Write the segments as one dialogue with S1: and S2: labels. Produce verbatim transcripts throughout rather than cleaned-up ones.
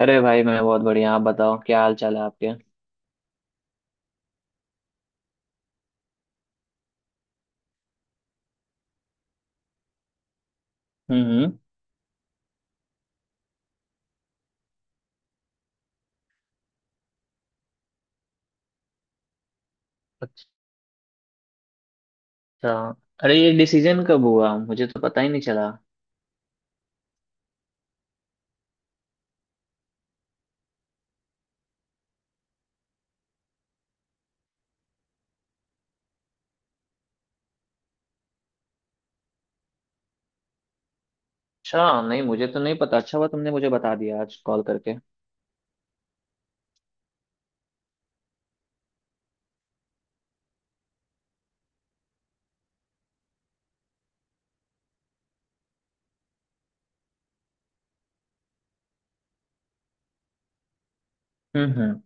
S1: अरे भाई, मैं बहुत बढ़िया। आप बताओ, क्या हाल चाल है आपके? हम्म। अच्छा। अरे ये डिसीजन कब हुआ? मुझे तो पता ही नहीं चला। अच्छा, नहीं मुझे तो नहीं पता। अच्छा हुआ तुमने मुझे बता दिया आज कॉल करके। हम्म हम्म।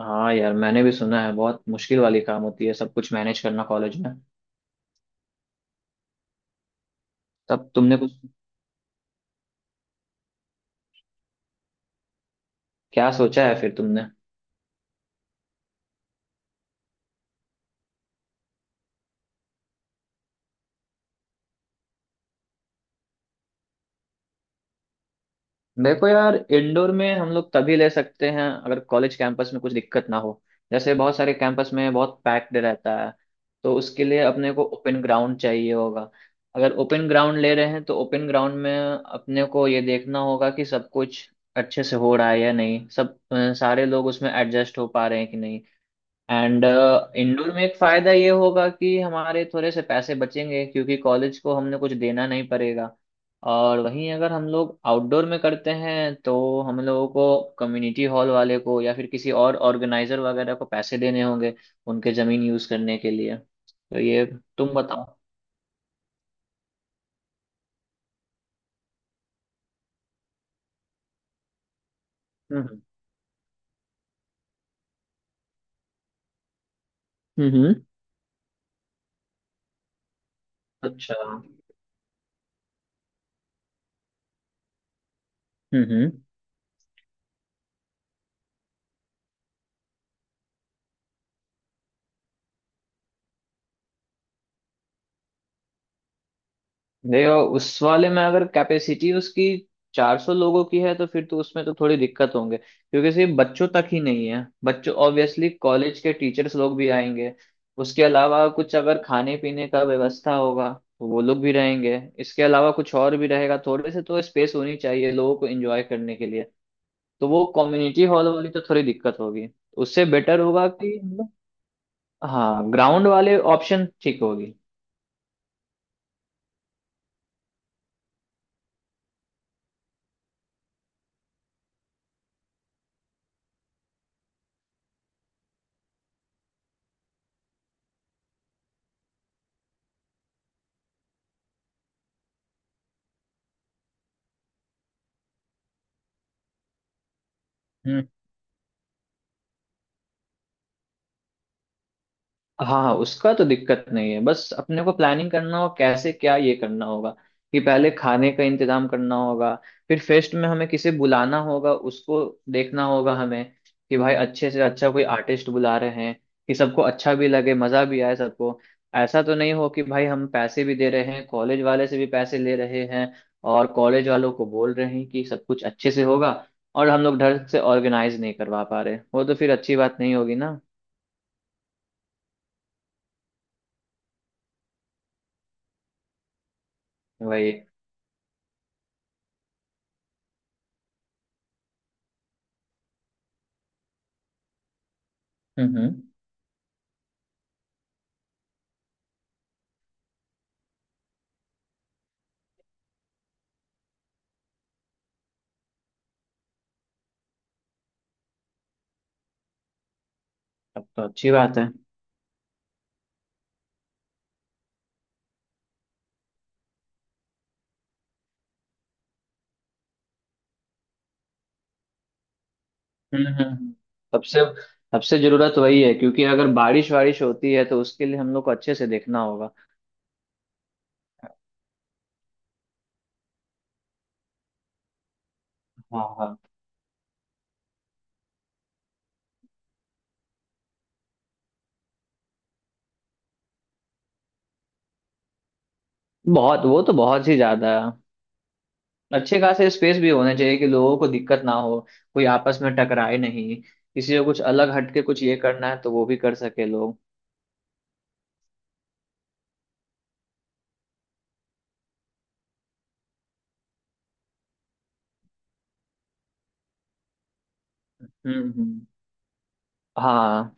S1: हाँ यार, मैंने भी सुना है बहुत मुश्किल वाली काम होती है सब कुछ मैनेज करना कॉलेज में। तब तुमने कुछ क्या सोचा है फिर तुमने? देखो यार, इंडोर में हम लोग तभी ले सकते हैं अगर कॉलेज कैंपस में कुछ दिक्कत ना हो। जैसे बहुत सारे कैंपस में बहुत पैक्ड रहता है, तो उसके लिए अपने को ओपन ग्राउंड चाहिए होगा। अगर ओपन ग्राउंड ले रहे हैं तो ओपन ग्राउंड में अपने को ये देखना होगा कि सब कुछ अच्छे से हो रहा है या नहीं, सब अ, सारे लोग उसमें एडजस्ट हो पा रहे हैं कि नहीं। एंड uh, इंडोर में एक फायदा ये होगा कि हमारे थोड़े से पैसे बचेंगे क्योंकि कॉलेज को हमने कुछ देना नहीं पड़ेगा। और वहीं अगर हम लोग आउटडोर में करते हैं तो हम लोगों को कम्युनिटी हॉल वाले को या फिर किसी और ऑर्गेनाइजर वगैरह को पैसे देने होंगे उनके जमीन यूज करने के लिए। तो ये, तुम बताओ। हम्म हम्म हम्म, अच्छा। हम्म हम्म। देखो, उस वाले में अगर कैपेसिटी उसकी चार सौ लोगों की है तो फिर तो उसमें तो थोड़ी दिक्कत होंगे क्योंकि सिर्फ बच्चों तक ही नहीं है, बच्चों ऑब्वियसली कॉलेज के टीचर्स लोग भी आएंगे। उसके अलावा कुछ अगर खाने पीने का व्यवस्था होगा तो वो लोग भी रहेंगे, इसके अलावा कुछ और भी रहेगा, थोड़े से तो स्पेस होनी चाहिए लोगों को एंजॉय करने के लिए। तो वो कम्युनिटी हॉल वाली तो थोड़ी दिक्कत होगी। उससे बेटर होगा कि मतलब, हाँ ग्राउंड वाले ऑप्शन ठीक होगी। हाँ हाँ, उसका तो दिक्कत नहीं है, बस अपने को प्लानिंग करना हो कैसे क्या ये करना होगा कि पहले खाने का इंतजाम करना होगा, फिर फेस्ट में हमें किसे बुलाना होगा, उसको देखना होगा हमें कि भाई अच्छे से अच्छा कोई आर्टिस्ट बुला रहे हैं कि सबको अच्छा भी लगे मजा भी आए सबको। ऐसा तो नहीं हो कि भाई हम पैसे भी दे रहे हैं, कॉलेज वाले से भी पैसे ले रहे हैं और कॉलेज वालों को बोल रहे हैं कि सब कुछ अच्छे से होगा और हम लोग ढंग से ऑर्गेनाइज नहीं करवा पा रहे, वो तो फिर अच्छी बात नहीं होगी ना। वही। हम्म हम्म। तब तो अच्छी बात है। हम्म हम्म। सबसे सबसे जरूरत वही है क्योंकि अगर बारिश वारिश होती है तो उसके लिए हम लोग को अच्छे से देखना होगा। हाँ हाँ। बहुत, वो तो बहुत ही ज्यादा है। अच्छे खासे स्पेस भी होने चाहिए कि लोगों को दिक्कत ना हो, कोई आपस में टकराए नहीं, किसी को कुछ अलग हटके कुछ ये करना है तो वो भी कर सके लोग। हम्म हम्म। हाँ,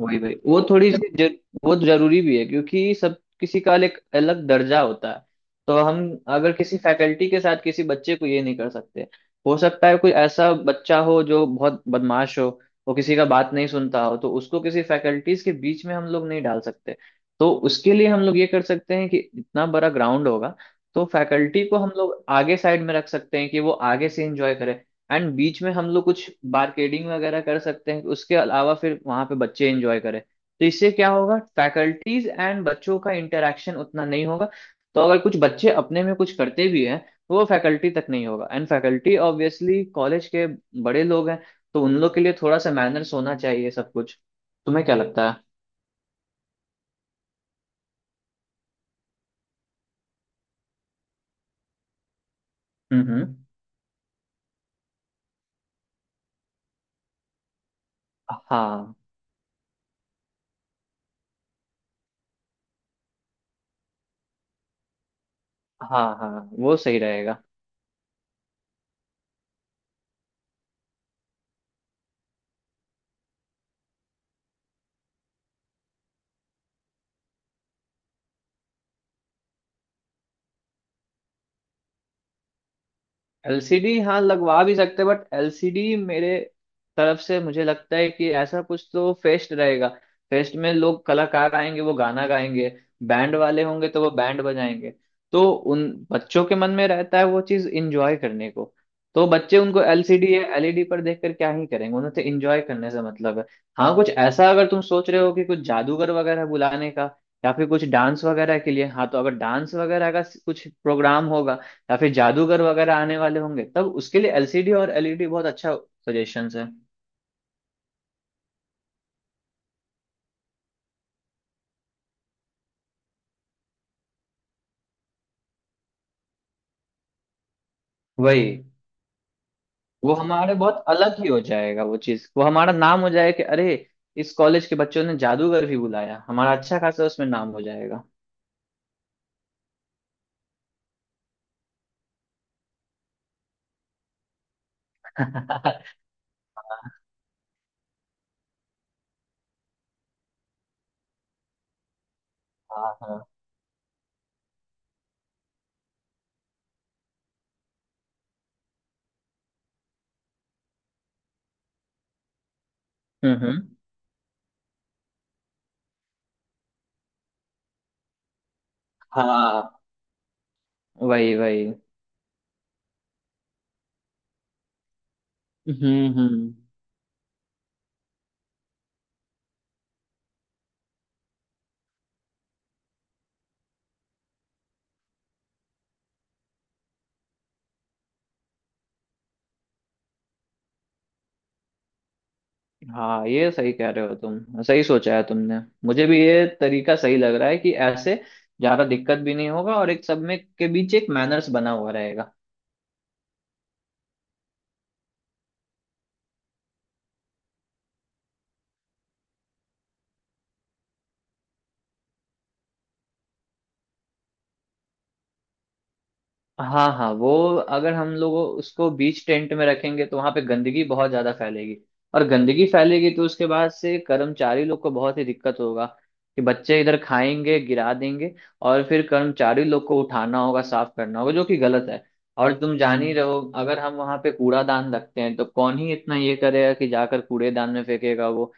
S1: वही वही, वो थोड़ी सी जर, वो जरूरी भी है क्योंकि सब किसी का एक अलग दर्जा होता है। तो हम, अगर किसी फैकल्टी के साथ किसी बच्चे को ये नहीं कर सकते, हो सकता है कोई ऐसा बच्चा हो जो बहुत बदमाश हो, वो किसी का बात नहीं सुनता हो, तो उसको किसी फैकल्टीज के बीच में हम लोग नहीं डाल सकते। तो उसके लिए हम लोग ये कर सकते हैं कि इतना बड़ा ग्राउंड होगा, तो फैकल्टी को हम लोग आगे साइड में रख सकते हैं कि वो आगे से इंजॉय करे। एंड बीच में हम लोग कुछ बारकेडिंग वगैरह कर सकते हैं, उसके अलावा फिर वहां पे बच्चे एंजॉय करें, तो इससे क्या होगा फैकल्टीज एंड बच्चों का इंटरेक्शन उतना नहीं होगा। तो अगर कुछ बच्चे अपने में कुछ करते भी हैं तो वो फैकल्टी तक नहीं होगा, एंड फैकल्टी ऑब्वियसली कॉलेज के बड़े लोग हैं, तो उन लोग के लिए थोड़ा सा मैनर्स होना चाहिए सब कुछ। तुम्हें क्या लगता है? हम्म हम्म। हाँ हाँ। हाँ, वो सही रहेगा। एलसीडी हाँ लगवा भी सकते हैं, बट एलसीडी मेरे तरफ से मुझे लगता है कि ऐसा कुछ तो फेस्ट रहेगा। फेस्ट में लोग कलाकार आएंगे, वो गाना गाएंगे, बैंड वाले होंगे तो वो बैंड बजाएंगे, तो उन बच्चों के मन में रहता है वो चीज इंजॉय करने को, तो बच्चे उनको एलसीडी या एलईडी पर देखकर क्या ही करेंगे, उन्हें तो इंजॉय करने से मतलब है। हाँ, कुछ ऐसा अगर तुम सोच रहे हो कि कुछ जादूगर वगैरह बुलाने का या फिर कुछ डांस वगैरह के लिए, हाँ तो अगर डांस वगैरह का कुछ प्रोग्राम होगा या फिर जादूगर वगैरह आने वाले होंगे, तब उसके लिए एलसीडी और एलईडी बहुत अच्छा सजेशंस है। वही, वो हमारे बहुत अलग ही हो जाएगा वो चीज, वो हमारा नाम हो जाएगा कि अरे इस कॉलेज के बच्चों ने जादूगर भी बुलाया, हमारा अच्छा खासा उसमें नाम हो जाएगा। हाँ हाँ हाँ। हम्म हम्म, हाँ वही वही। हम्म हम्म। हाँ, ये सही कह रहे हो, तुम सही सोचा है तुमने। मुझे भी ये तरीका सही लग रहा है कि ऐसे ज्यादा दिक्कत भी नहीं होगा और एक सब में के बीच एक मैनर्स बना हुआ रहेगा। हाँ हाँ, वो अगर हम लोग उसको बीच टेंट में रखेंगे तो वहां पे गंदगी बहुत ज्यादा फैलेगी, और गंदगी फैलेगी तो उसके बाद से कर्मचारी लोग को बहुत ही दिक्कत होगा कि बच्चे इधर खाएंगे गिरा देंगे, और फिर कर्मचारी लोग को उठाना होगा साफ करना होगा जो कि गलत है। और तुम जान ही हम्म रहो, अगर हम वहां पे कूड़ादान रखते हैं तो कौन ही इतना ये करेगा कि जाकर कूड़ेदान में फेंकेगा वो।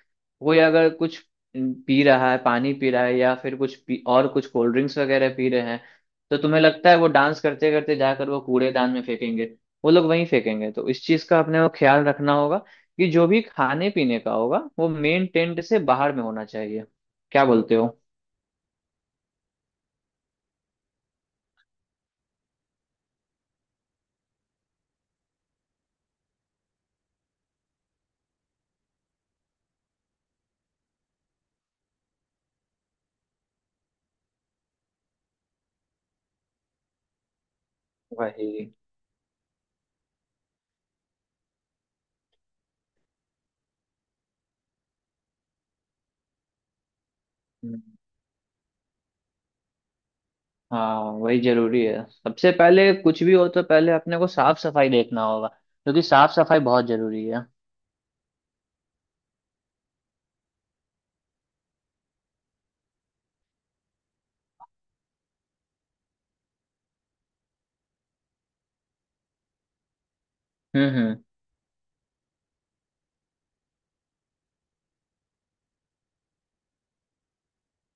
S1: कोई अगर कुछ पी रहा है, पानी पी रहा है या फिर कुछ पी, और कुछ कोल्ड ड्रिंक्स वगैरह पी रहे हैं, तो तुम्हें लगता है वो डांस करते करते जाकर वो कूड़ेदान में फेंकेंगे? वो लोग वहीं फेंकेंगे, तो इस चीज का अपने को ख्याल रखना होगा कि जो भी खाने पीने का होगा वो मेन टेंट से बाहर में होना चाहिए। क्या बोलते हो? वही। हम्म, हाँ वही जरूरी है, सबसे पहले कुछ भी हो तो पहले अपने को साफ सफाई देखना होगा क्योंकि साफ सफाई बहुत जरूरी है। हम्म।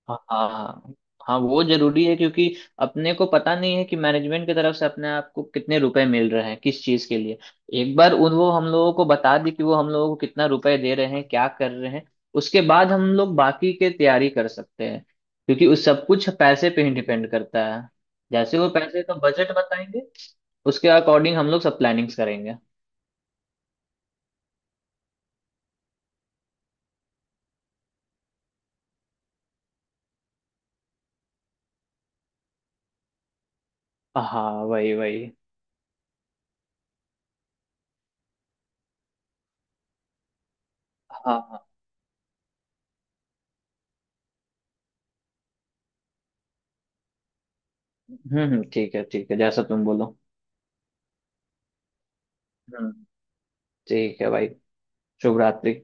S1: हाँ हाँ। हाँ, वो जरूरी है क्योंकि अपने को पता नहीं है कि मैनेजमेंट की तरफ से अपने आप को कितने रुपए मिल रहे हैं किस चीज के लिए। एक बार उन, वो हम लोगों को बता दी कि वो हम लोगों को कितना रुपए दे रहे हैं क्या कर रहे हैं, उसके बाद हम लोग बाकी के तैयारी कर सकते हैं क्योंकि उस सब कुछ पैसे पे ही डिपेंड करता है। जैसे वो पैसे का बजट बताएंगे, उसके अकॉर्डिंग हम लोग सब प्लानिंग्स करेंगे। हाँ वही वही। हाँ हाँ। हम्म हम्म, ठीक है ठीक है जैसा तुम बोलो। हम्म। ठीक है भाई। शुभ रात्रि।